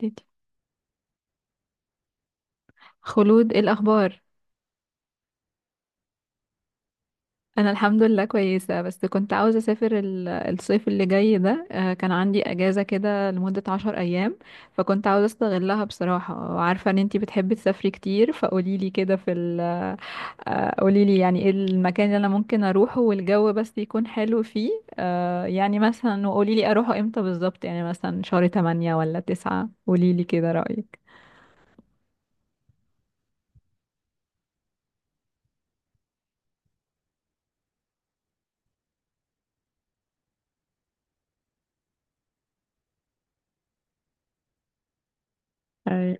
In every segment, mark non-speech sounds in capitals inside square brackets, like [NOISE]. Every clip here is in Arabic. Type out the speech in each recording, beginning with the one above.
ديتي. خلود، إيه الأخبار؟ أنا الحمد لله كويسة، بس كنت عاوزة أسافر الصيف اللي جاي ده. كان عندي أجازة كده لمدة 10 أيام، فكنت عاوزة أستغلها بصراحة، وعارفة إن أنتي بتحبي تسافري كتير، فقوليلي كده قوليلي يعني إيه المكان اللي أنا ممكن أروحه والجو بس يكون حلو فيه. يعني مثلا وقوليلي أروحه إمتى بالظبط، يعني مثلا شهر تمانية ولا تسعة، قوليلي كده رأيك. أي-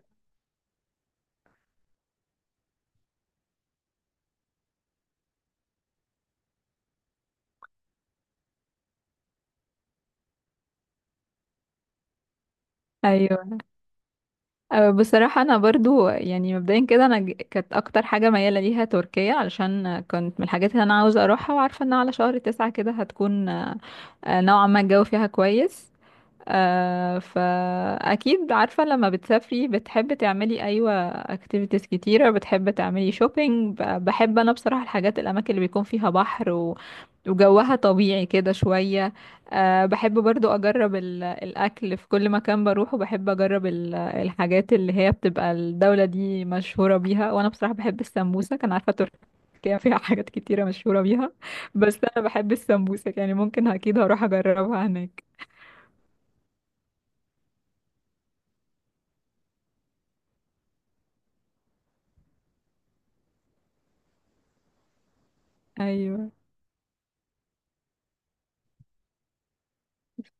أيوة. بصراحة أنا برضو يعني مبدئيا كده أنا كانت أكتر حاجة ميالة ليها تركيا، علشان كنت من الحاجات اللي أنا عاوزة أروحها، وعارفة إن على شهر تسعة كده هتكون أه، أه، نوعا ما الجو فيها كويس. فأكيد عارفة، لما بتسافري بتحب تعملي، أيوة، activities كتيرة، بتحب تعملي shopping. بحب أنا بصراحة الحاجات الأماكن اللي بيكون فيها بحر وجوها طبيعي كده شوية. أه، بحب برضو أجرب الأكل في كل مكان بروحه. بحب أجرب الحاجات اللي هي بتبقى الدولة دي مشهورة بيها، وأنا بصراحة بحب السمبوسة، كان عارفة تركيا فيها حاجات كتيرة مشهورة بيها، بس أنا بحب السمبوسة، يعني ممكن أكيد هروح أجربها هناك. أيوة.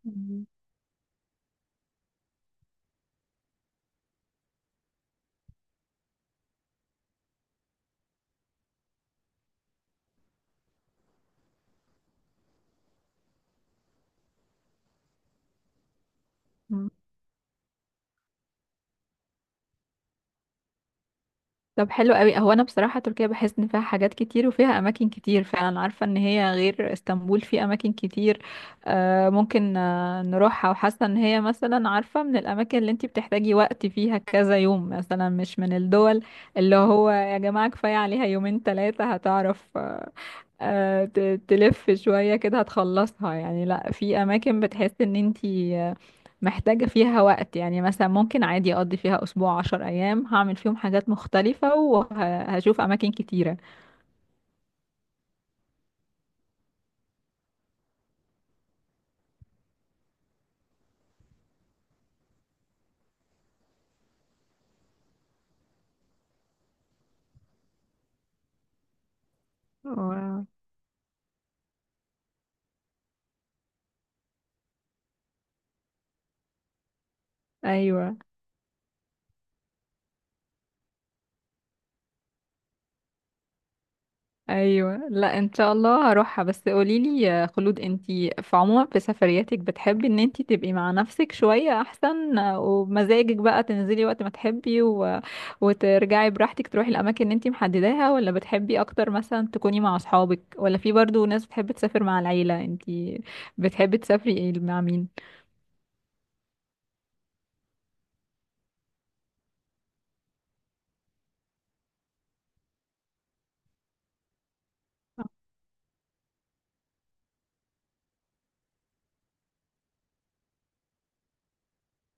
مم. مم. طب حلو قوي. هو انا بصراحه تركيا بحس ان فيها حاجات كتير وفيها اماكن كتير، فعلا عارفه ان هي غير اسطنبول في اماكن كتير. آه ممكن آه نروحها، وحاسه ان هي مثلا، عارفه، من الاماكن اللي انتي بتحتاجي وقت فيها كذا يوم، مثلا مش من الدول اللي هو يا جماعه كفايه عليها يومين ثلاثه هتعرف تلف شويه كده هتخلصها، يعني لا، في اماكن بتحس ان انتي محتاجة فيها وقت، يعني مثلا ممكن عادي أقضي فيها أسبوع 10 أيام، هعمل فيهم حاجات مختلفة وهشوف أماكن كتيرة. واو. أيوة. أيوة، لا إن شاء الله هروحها. بس قوليلي يا خلود، أنتي في عموما في سفرياتك بتحبي إن أنتي تبقي مع نفسك شوية أحسن، ومزاجك بقى تنزلي وقت ما تحبي وترجعي براحتك، تروحي الأماكن اللي أنتي محدداها، ولا بتحبي أكتر مثلا تكوني مع أصحابك، ولا في برضو ناس بتحب تسافر مع العيلة؟ أنتي بتحبي تسافري مع مين؟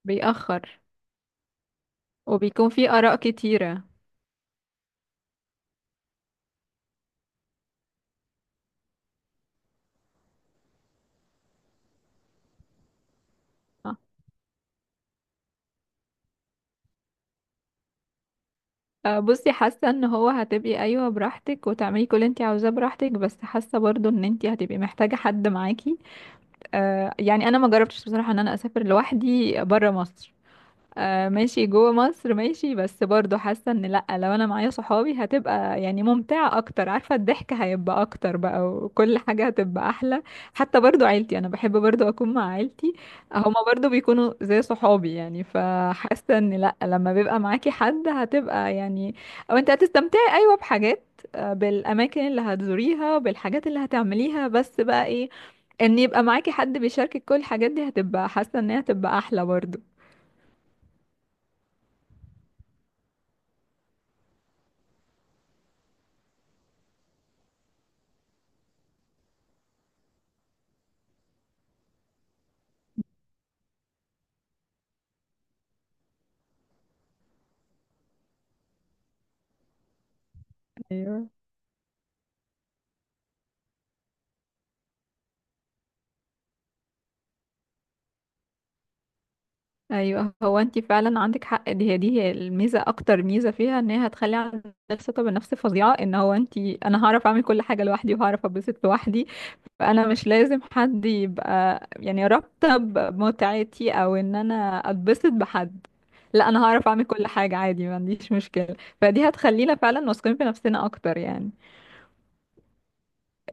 بيأخر. وبيكون في آراء كتيرة. آه. بصي، حاسة ان هو هتبقي، ايوه، براحتك وتعملي كل اللي انت عاوزاه براحتك، بس حاسة برضو ان انت هتبقي محتاجة حد معاكي. يعني انا ما جربتش بصراحة ان انا اسافر لوحدي برا مصر، آه ماشي جوه مصر ماشي، بس برضو حاسة ان لأ، لو انا معايا صحابي هتبقى يعني ممتعة اكتر، عارفة الضحك هيبقى اكتر بقى، وكل حاجة هتبقى احلى. حتى برضو عيلتي، انا بحب برضو اكون مع عيلتي، هما برضو بيكونوا زي صحابي، يعني فحاسة ان لأ، لما بيبقى معاكي حد هتبقى يعني، او انت هتستمتعي، ايوه، بحاجات، بالاماكن اللي هتزوريها، بالحاجات اللي هتعمليها، بس بقى ايه، ان يبقى معاكي حد بيشاركك كل الحاجات دي، هتبقى حاسة ان هي هتبقى احلى برضو. ايوه. ايوه، هو انت فعلا عندك حق، دي هي الميزه، اكتر ميزه فيها ان هي هتخلي عندك ثقه بالنفس فظيعه، ان هو انت، انا هعرف اعمل كل حاجه لوحدي، وهعرف اتبسط لوحدي، فانا مش لازم حد يبقى يعني رابطه بمتعتي، او ان انا اتبسط بحد. لا، انا هعرف اعمل كل حاجه عادي، ما عنديش مشكله، فدي هتخلينا فعلا واثقين في نفسنا اكتر يعني.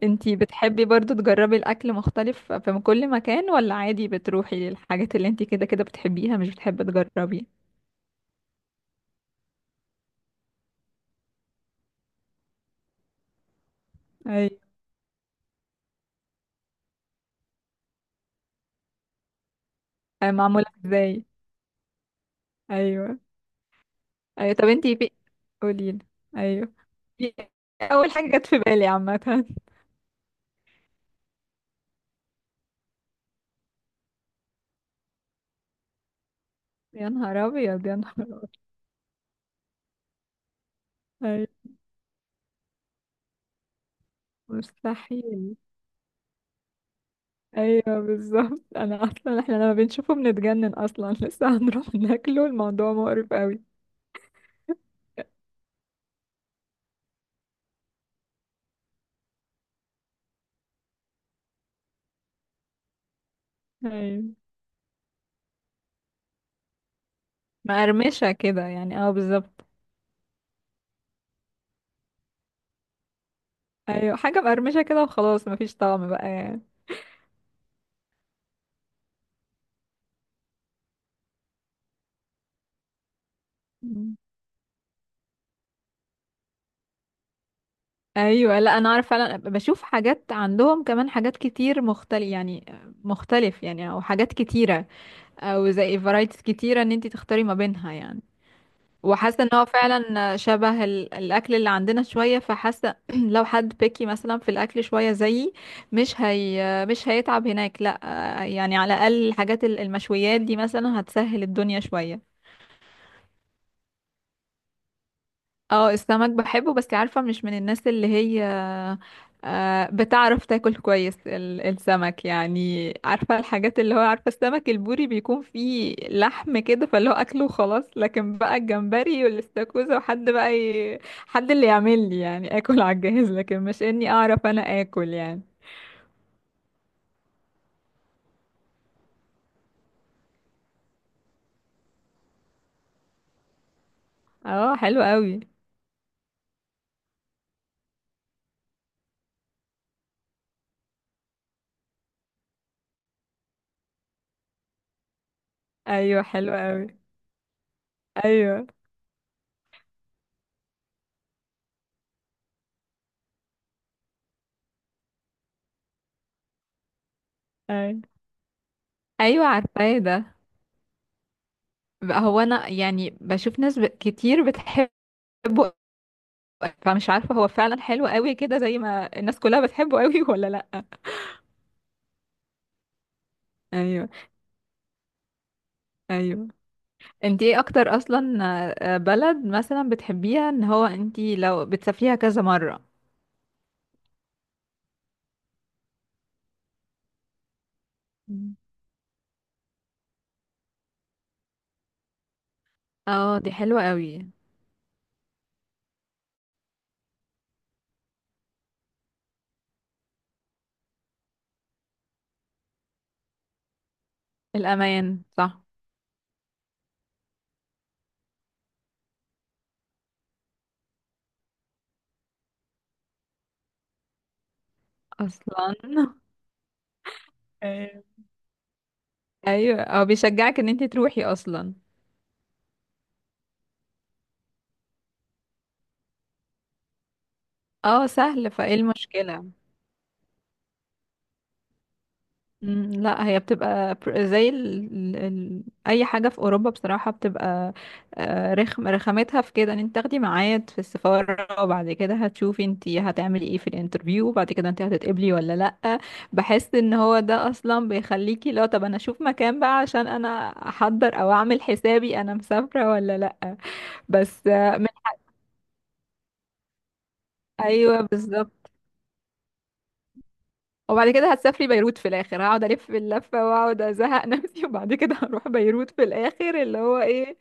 انت بتحبي برضو تجربي الاكل مختلف في كل مكان، ولا عادي بتروحي للحاجات اللي انت كده كده بتحبيها، مش بتحبي تجربي؟ ايوه. آه، معمولة ازاي؟ ايوه. ايوه، طب انتي في، قوليلي. ايوه، في- اول حاجة جت في بالي عامة. [LAUGHS] يا نهار ابيض، يا نهار أبيض. ايوه. مستحيل. ايوه بالظبط، انا اصلا احنا لما بنشوفه بنتجنن اصلا، [LAUGHS] لسه هنروح ناكله، الموضوع مقرف قوي. ايوه، مقرمشة كده يعني، اه بالظبط. ايوه، حاجة مقرمشة كده وخلاص، مفيش طعم بقى يعني. ايوه، لا انا عارف، فعلا بشوف حاجات عندهم كمان حاجات كتير مختلف يعني، مختلف يعني، او حاجات كتيره، او زي فرايتيز كتيره ان انت تختاري ما بينها يعني. وحاسه ان هو فعلا شبه الاكل اللي عندنا شويه، فحاسه [CLEARS THROAT] لو حد بيكي مثلا في الاكل شويه زيي، مش هي مش هيتعب هناك، لا يعني، على الاقل الحاجات المشويات دي مثلا هتسهل الدنيا شويه. اه، السمك بحبه، بس عارفة مش من الناس اللي هي بتعرف تاكل كويس السمك، يعني عارفة الحاجات اللي هو، عارفة السمك البوري بيكون فيه لحم كده فاللي هو أكله وخلاص، لكن بقى الجمبري والاستاكوزا، وحد بقى حد اللي يعمل لي يعني آكل [LAUGHS] على الجهاز، لكن مش إني أعرف أنا آكل يعني. اه حلو قوي. أيوه حلو قوي. أيوه. أيوه. أيوه، عارفاه ده. بقى هو أنا يعني بشوف ناس كتير بتحب، فمش عارفة هو فعلا حلو قوي كده زي ما الناس كلها بتحبه قوي [LAUGHS] ولا لأ؟ ايوه. ايوه، انتي ايه اكتر اصلا، آه، بلد مثلا بتحبيها ان هو انتي لو بتسافريها كذا مرة؟ مم. اه دي حلوة قوي. الأمان صح. اصلا. [LAUGHS] أيوة. ايوه، او بيشجعك ان انتي تروحي اصلا. اه سهل، فايه المشكلة؟ مم، لا هي بتبقى زي اي حاجه في اوروبا بصراحه بتبقى، آه، رخم، رخامتها في كده ان انت تاخدي ميعاد في السفاره، وبعد كده هتشوفي انت هتعملي ايه في الانترفيو، وبعد كده انت هتتقبلي ولا لا. بحس ان هو ده اصلا بيخليكي لو، طب انا اشوف مكان بقى، عشان انا احضر او اعمل حسابي انا مسافره ولا لا. بس آه، من ايوه بالظبط. وبعد كده هتسافري بيروت في الاخر، هقعد الف اللفه واقعد ازهق نفسي، [LAUGHS] وبعد كده هروح بيروت في الاخر، اللي هو ايه.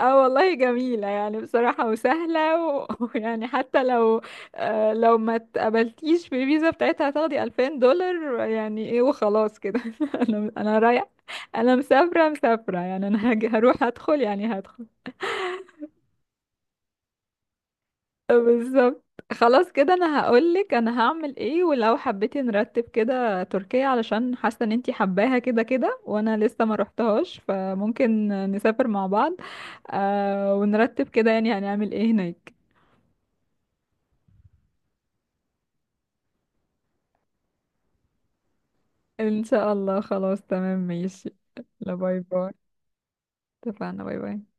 اه والله جميلة يعني بصراحة وسهلة [LAUGHS] ويعني حتى لو آه لو ما اتقبلتيش في الفيزا بتاعتها هتاخدي $2000، يعني ايه وخلاص كده، [LAUGHS] انا انا رايح، انا مسافرة مسافرة، يعني انا هروح هدخل يعني هدخل. بالظبط. خلاص كده انا هقولك انا هعمل ايه، ولو حبيتي نرتب كده تركيا، علشان حاسه ان انتي حباها كده كده، وانا لسه ما رحتهاش، فممكن نسافر مع بعض. آه ونرتب كده يعني هنعمل ايه هناك. ان شاء الله، خلاص تمام ماشي. لا باي باي. اتفقنا باي باي.